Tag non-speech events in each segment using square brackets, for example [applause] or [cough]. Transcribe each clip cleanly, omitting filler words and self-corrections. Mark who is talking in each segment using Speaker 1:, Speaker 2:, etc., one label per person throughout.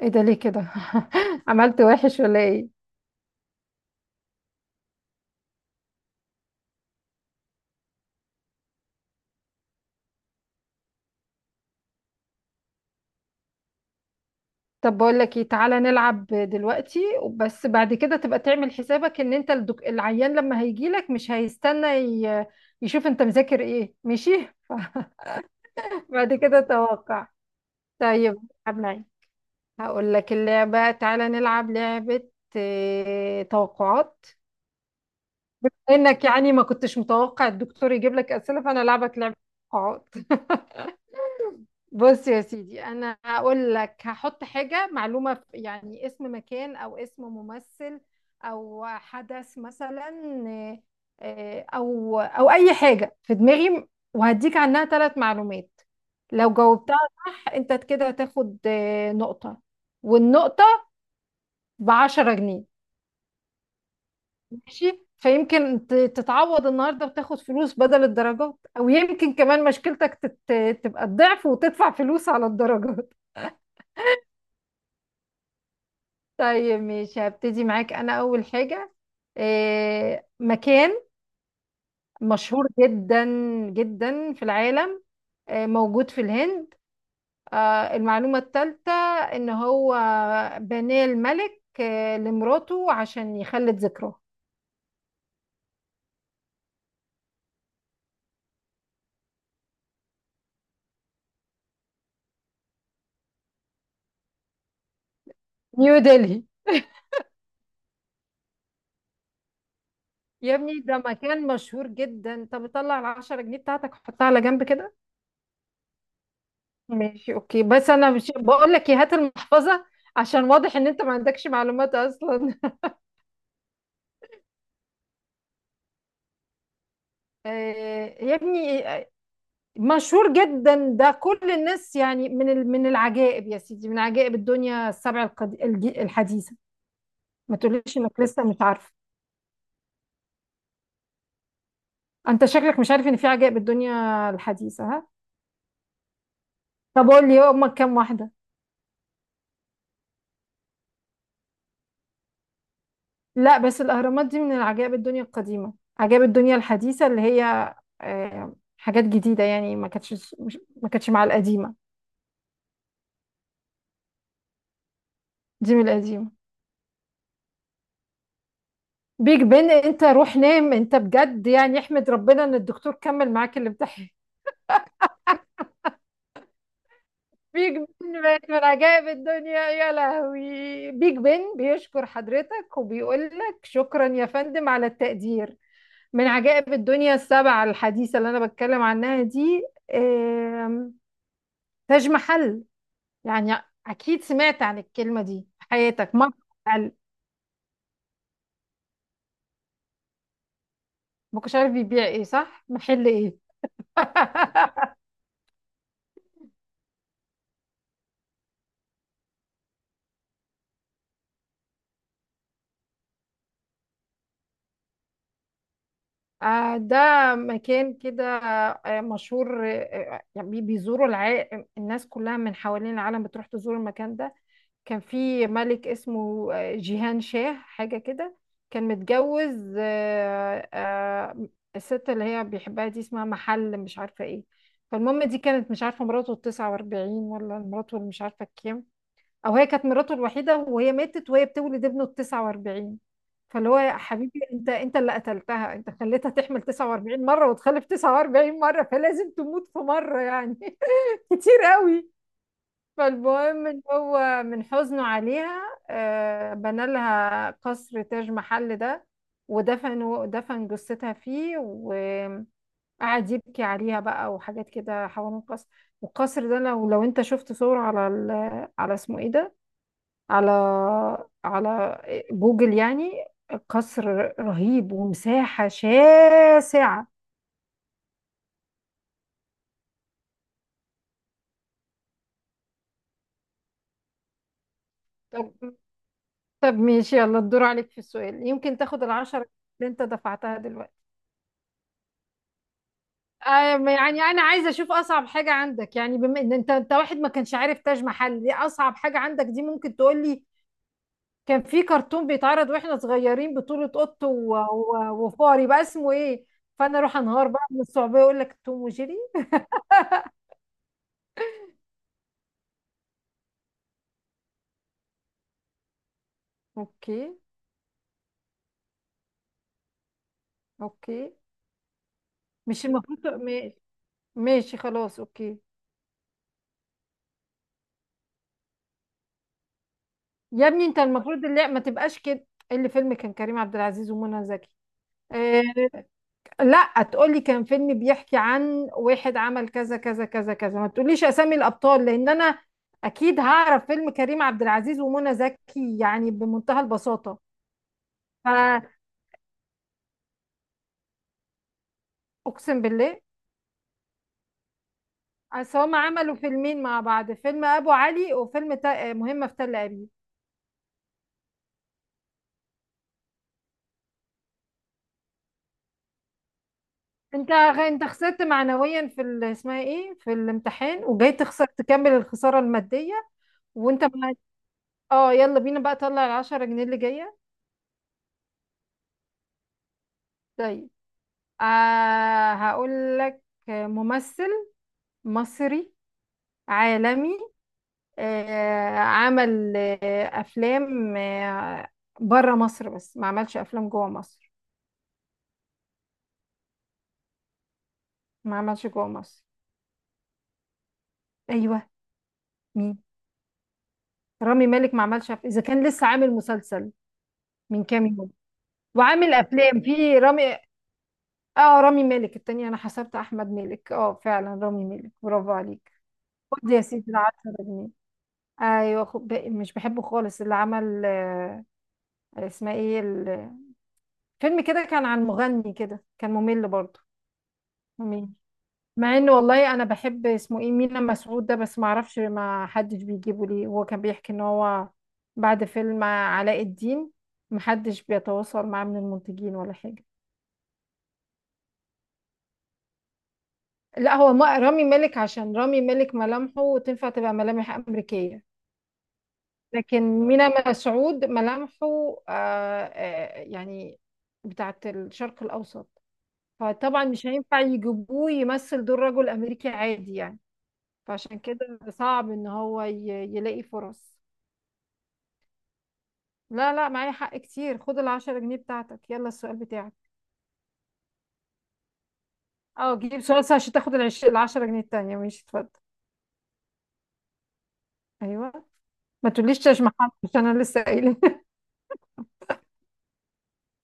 Speaker 1: ايه ده؟ ليه كده؟ [laughs] عملت وحش ولا ايه؟ طب بقول لك ايه، تعالى نلعب دلوقتي. بس بعد كده تبقى تعمل حسابك ان انت العيان لما هيجي لك مش هيستنى يشوف انت مذاكر ايه، ماشي. [laughs] بعد كده توقع. طيب. العب معي. هقول لك اللعبة، تعالى نلعب لعبة. توقعات. انك يعني ما كنتش متوقع الدكتور يجيب لك اسئلة، فانا العبك لعبة توقعات. بص يا سيدي، انا هقول لك هحط حاجه معلومه يعني اسم مكان او اسم ممثل او حدث مثلا. آه، آه، او او اي حاجه في دماغي، وهديك عنها 3 معلومات. لو جاوبتها صح، انت كده هتاخد نقطه، والنقطه ب10 جنيه. ماشي، فيمكن تتعوض النهارده وتاخد فلوس بدل الدرجات، او يمكن كمان مشكلتك تبقى الضعف وتدفع فلوس على الدرجات. طيب ماشي، هبتدي معاك انا اول حاجة. مكان مشهور جدا جدا في العالم، موجود في الهند. المعلومة الثالثة ان هو بناه الملك لمراته عشان يخلد ذكراه. نيو دلهي. يا ابني ده مكان مشهور جدا، طب طلع ال10 جنيه بتاعتك وحطها على جنب كده. ماشي اوكي، بس انا مش بقول لك إيه، هات المحفظة عشان واضح ان انت ما عندكش معلومات اصلا. [laughs] يا ابني، مشهور جدا ده، كل الناس يعني، من من العجائب يا سيدي، من عجائب الدنيا ال7 الحديثة. ما تقوليش انك لسه مش عارفه. انت شكلك مش عارف ان في عجائب الدنيا الحديثة، ها؟ طب قول لي هما كام واحدة. لا بس الاهرامات دي من العجائب الدنيا القديمة، عجائب الدنيا الحديثة اللي هي حاجات جديدة يعني، ما كانتش مع القديمة. دي من القديمة. بيج بن؟ انت روح نام انت بجد يعني، احمد ربنا ان الدكتور كمل معاك الامتحان. بيج بن بقت من عجائب الدنيا؟ يا لهوي، بيج بن بيشكر حضرتك وبيقول لك شكرا يا فندم على التقدير. من عجائب الدنيا ال7 الحديثة اللي أنا بتكلم عنها دي، آم، تاج محل. يعني أكيد سمعت عن الكلمة دي في حياتك مرة على الأقل. ما كنتش عارف بيبيع إيه؟ صح؟ محل إيه؟ [laughs] ده مكان كده مشهور، يعني الناس كلها من حوالين العالم بتروح تزور المكان ده. كان في ملك اسمه جيهان شاه حاجة كده، كان متجوز الست اللي هي بيحبها دي اسمها محل مش عارفة ايه. فالمهم دي كانت مش عارفة مراته ال49 ولا مراته اللي مش عارفة الكام، أو هي كانت مراته الوحيدة وهي ماتت وهي بتولد ابنه ال49. فاللي هو يا حبيبي، انت اللي قتلتها، انت خليتها تحمل 49 مرة وتخلف 49 مرة، فلازم تموت في مرة يعني. [laughs] كتير قوي. فالمهم ان هو من حزنه عليها، بنى لها قصر تاج محل ده، ودفن دفن جثتها فيه، وقعد يبكي عليها بقى وحاجات كده حوالين القصر. والقصر ده لو انت شفت صور على على اسمه ايه ده، على على جوجل يعني، قصر رهيب ومساحة شاسعة. طب طب ماشي، يلا الدور عليك في السؤال، يمكن تاخد ال10 اللي انت دفعتها دلوقتي. آه، يعني انا عايزه اشوف اصعب حاجه عندك، يعني بما ان انت واحد ما كانش عارف تاج محل دي، اصعب حاجه عندك دي ممكن تقول لي كان في كرتون بيتعرض واحنا صغيرين بطولة قط وفار يبقى اسمه ايه، فانا اروح انهار بقى من الصعوبيه، اقول لك توم وجيري. اوكي، اوكي. مش المفروض تق- ماشي، ماشي خلاص اوكي. يا ابني انت المفروض اللي ما تبقاش كده، إيه اللي فيلم كان كريم عبد العزيز ومنى زكي؟ آه، لا تقولي كان فيلم بيحكي عن واحد عمل كذا كذا كذا كذا، ما تقوليش اسامي الابطال، لان انا اكيد هعرف فيلم كريم عبد العزيز ومنى زكي يعني بمنتهى البساطه. فاقسم بالله، أصل هما عملوا فيلمين مع بعض، فيلم ابو علي وفيلم مهمه في تل ابيب. انت انت خسرت معنويا في اسمها ايه، في الامتحان، وجاي تخسر تكمل الخساره الماديه. وانت ما- اه يلا بينا بقى، طلع ال10 جنيه اللي جايه. طيب، هقول لك ممثل مصري عالمي، عمل أفلام بره مصر بس ما عملش أفلام جوه مصر. ما عملش جوه مصر. أيوه. مين؟ رامي مالك ما عملش إذا كان لسه عامل مسلسل من كام يوم وعامل أفلام في رامي. اه رامي مالك التانية، أنا حسبت أحمد مالك، اه فعلا رامي مالك، برافو عليك. خد يا سيدي ال10 جنيه. أيوه خد باقي، مش بحبه خالص اللي عمل، اسمها ايه فيلم كده كان عن مغني كده، كان ممل برضه. ممل، مع انه والله انا بحب اسمه ايه، مينا مسعود ده، بس ما اعرفش ما حدش بيجيبه ليه، هو كان بيحكي ان هو بعد فيلم علاء الدين محدش بيتواصل معاه من المنتجين ولا حاجة. لا هو رامي مالك، عشان رامي مالك ملامحه تنفع تبقى ملامح أمريكية، لكن مينا مسعود ملامحه يعني بتاعت الشرق الأوسط. فطبعا مش هينفع يجيبوه يمثل دور رجل أمريكي عادي يعني. فعشان كده صعب إن هو يلاقي فرص. لا لا، معايا حق كتير، خد ال10 جنيه بتاعتك، يلا السؤال بتاعك. اه جيب سؤال سهل عشان تاخد ال10 جنيه التانية، ماشي اتفضل. ايوه. ما تقوليش مش محل عشان انا لسه قايله. [laughs]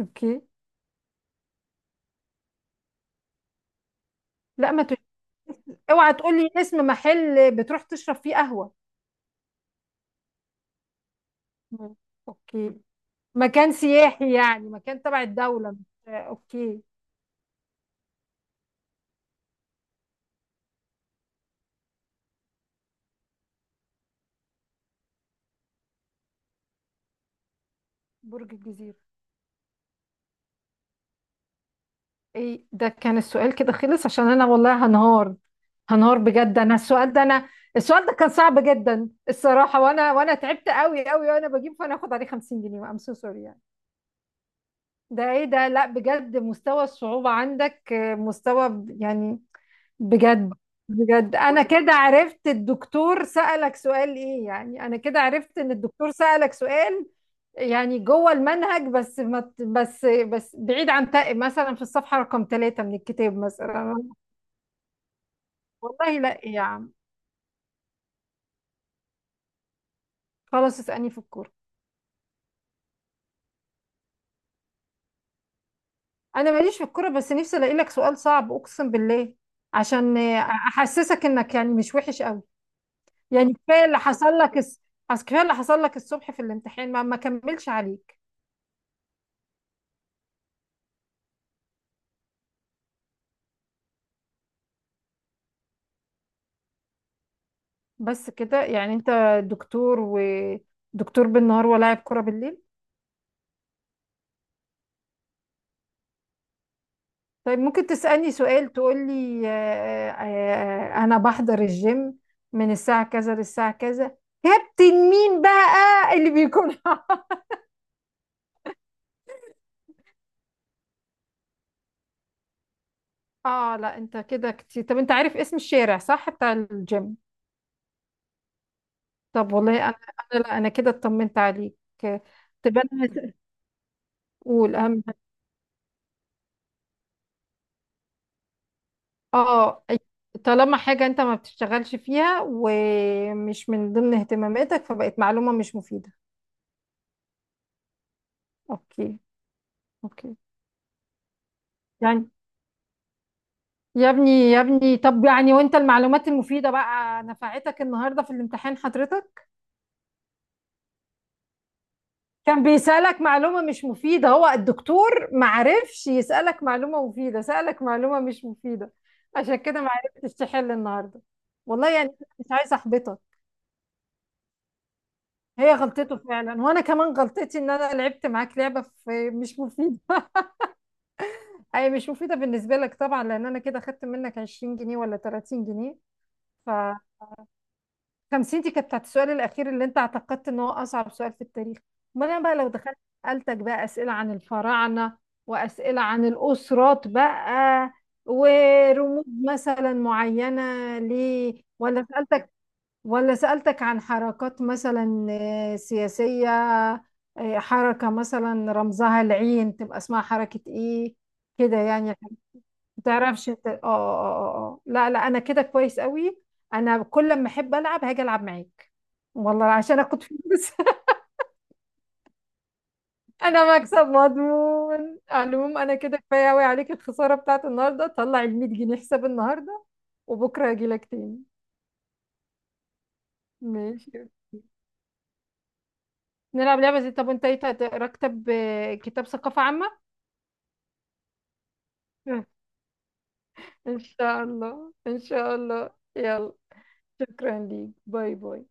Speaker 1: اوكي. لا ما تقول، اوعى تقولي اسم محل بتروح تشرب فيه قهوة. مم. اوكي. مكان سياحي يعني، مكان تبع الدولة اوكي. برج الجزيرة. ايه ده؟ كان السؤال كده خلص؟ عشان انا والله هنهار، هنهار بجد. انا السؤال ده، انا السؤال ده كان صعب جدا الصراحه، وانا تعبت قوي قوي، وانا بجيب فانا اخد عليه 50 جنيه. ام سو سوري يعني. ده ايه ده، لا بجد مستوى الصعوبه عندك، مستوى يعني بجد بجد. انا كده عرفت الدكتور سألك سؤال ايه، يعني انا كده عرفت ان الدكتور سألك سؤال يعني جوه المنهج، بس ما ت- بس بعيد عن تق مثلا في الصفحة رقم 3 من الكتاب مثلا. والله لا يا عم. خلاص اسألني في الكورة. انا ماليش في الكورة، بس نفسي الاقي لك سؤال صعب اقسم بالله عشان احسسك انك يعني مش وحش قوي. يعني كفاية اللي حصل لك الصبح في الامتحان، ما كملش عليه. بس كده يعني انت دكتور، ودكتور بالنهار ولاعب كرة بالليل. طيب ممكن تسألني سؤال، تقول لي انا بحضر الجيم من الساعة كذا للساعة كذا، كابتن مين بقى اللي بيكون؟ [laughs] اه لا انت كده كتير. طب انت عارف اسم الشارع صح، بتاع الجيم؟ طب والله انا، انا لا انا كده اطمنت عليك. تبقى انا، قول اهم. اه طالما حاجة انت ما بتشتغلش فيها ومش من ضمن اهتماماتك، فبقت معلومة مش مفيدة. اوكي. اوكي. يعني يا ابني، يا ابني، طب يعني وانت المعلومات المفيدة بقى نفعتك النهاردة في الامتحان حضرتك؟ كان بيسألك معلومة مش مفيدة؟ هو الدكتور معرفش يسألك معلومة مفيدة، سألك معلومة مش مفيدة عشان كده معرفتش تحل النهاردة. والله يعني، مش عايزة احبطك. هي غلطته فعلا، وانا كمان غلطتي ان انا لعبت معاك لعبه في مش مفيده. [laughs] اي مش مفيده بالنسبه لك طبعا، لان انا كده خدت منك 20 جنيه ولا 30 جنيه، ف 50 دي كانت بتاعت السؤال الاخير اللي انت اعتقدت ان هو اصعب سؤال في التاريخ. امال انا بقى لو دخلت سالتك بقى اسئله عن الفراعنه، واسئله عن الاسرات بقى، ورموز مثلا معينه، ليه؟ ولا سالتك، ولا سألتك عن حركات مثلا سياسية، حركة مثلا رمزها العين تبقى اسمها حركة ايه، كده يعني. ما تعرفش انت- اه اه اه آه. لا لا، انا كده كويس قوي. انا كل ما احب العب هاجي العب معاك، والله عشان اخد فلوس. [laughs] انا مكسب مضمون على العموم. انا كده كفايه قوي عليك الخساره بتاعت النهارده، طلع ال 100 جنيه حساب النهارده، وبكره اجي لك تاني. ماشي، نلعب لعبه زي، طب انت ايه راكب كتاب ثقافه عامه؟ [laughs] إن شاء الله، إن شاء الله. يلا، شكرا ليك، باي باي.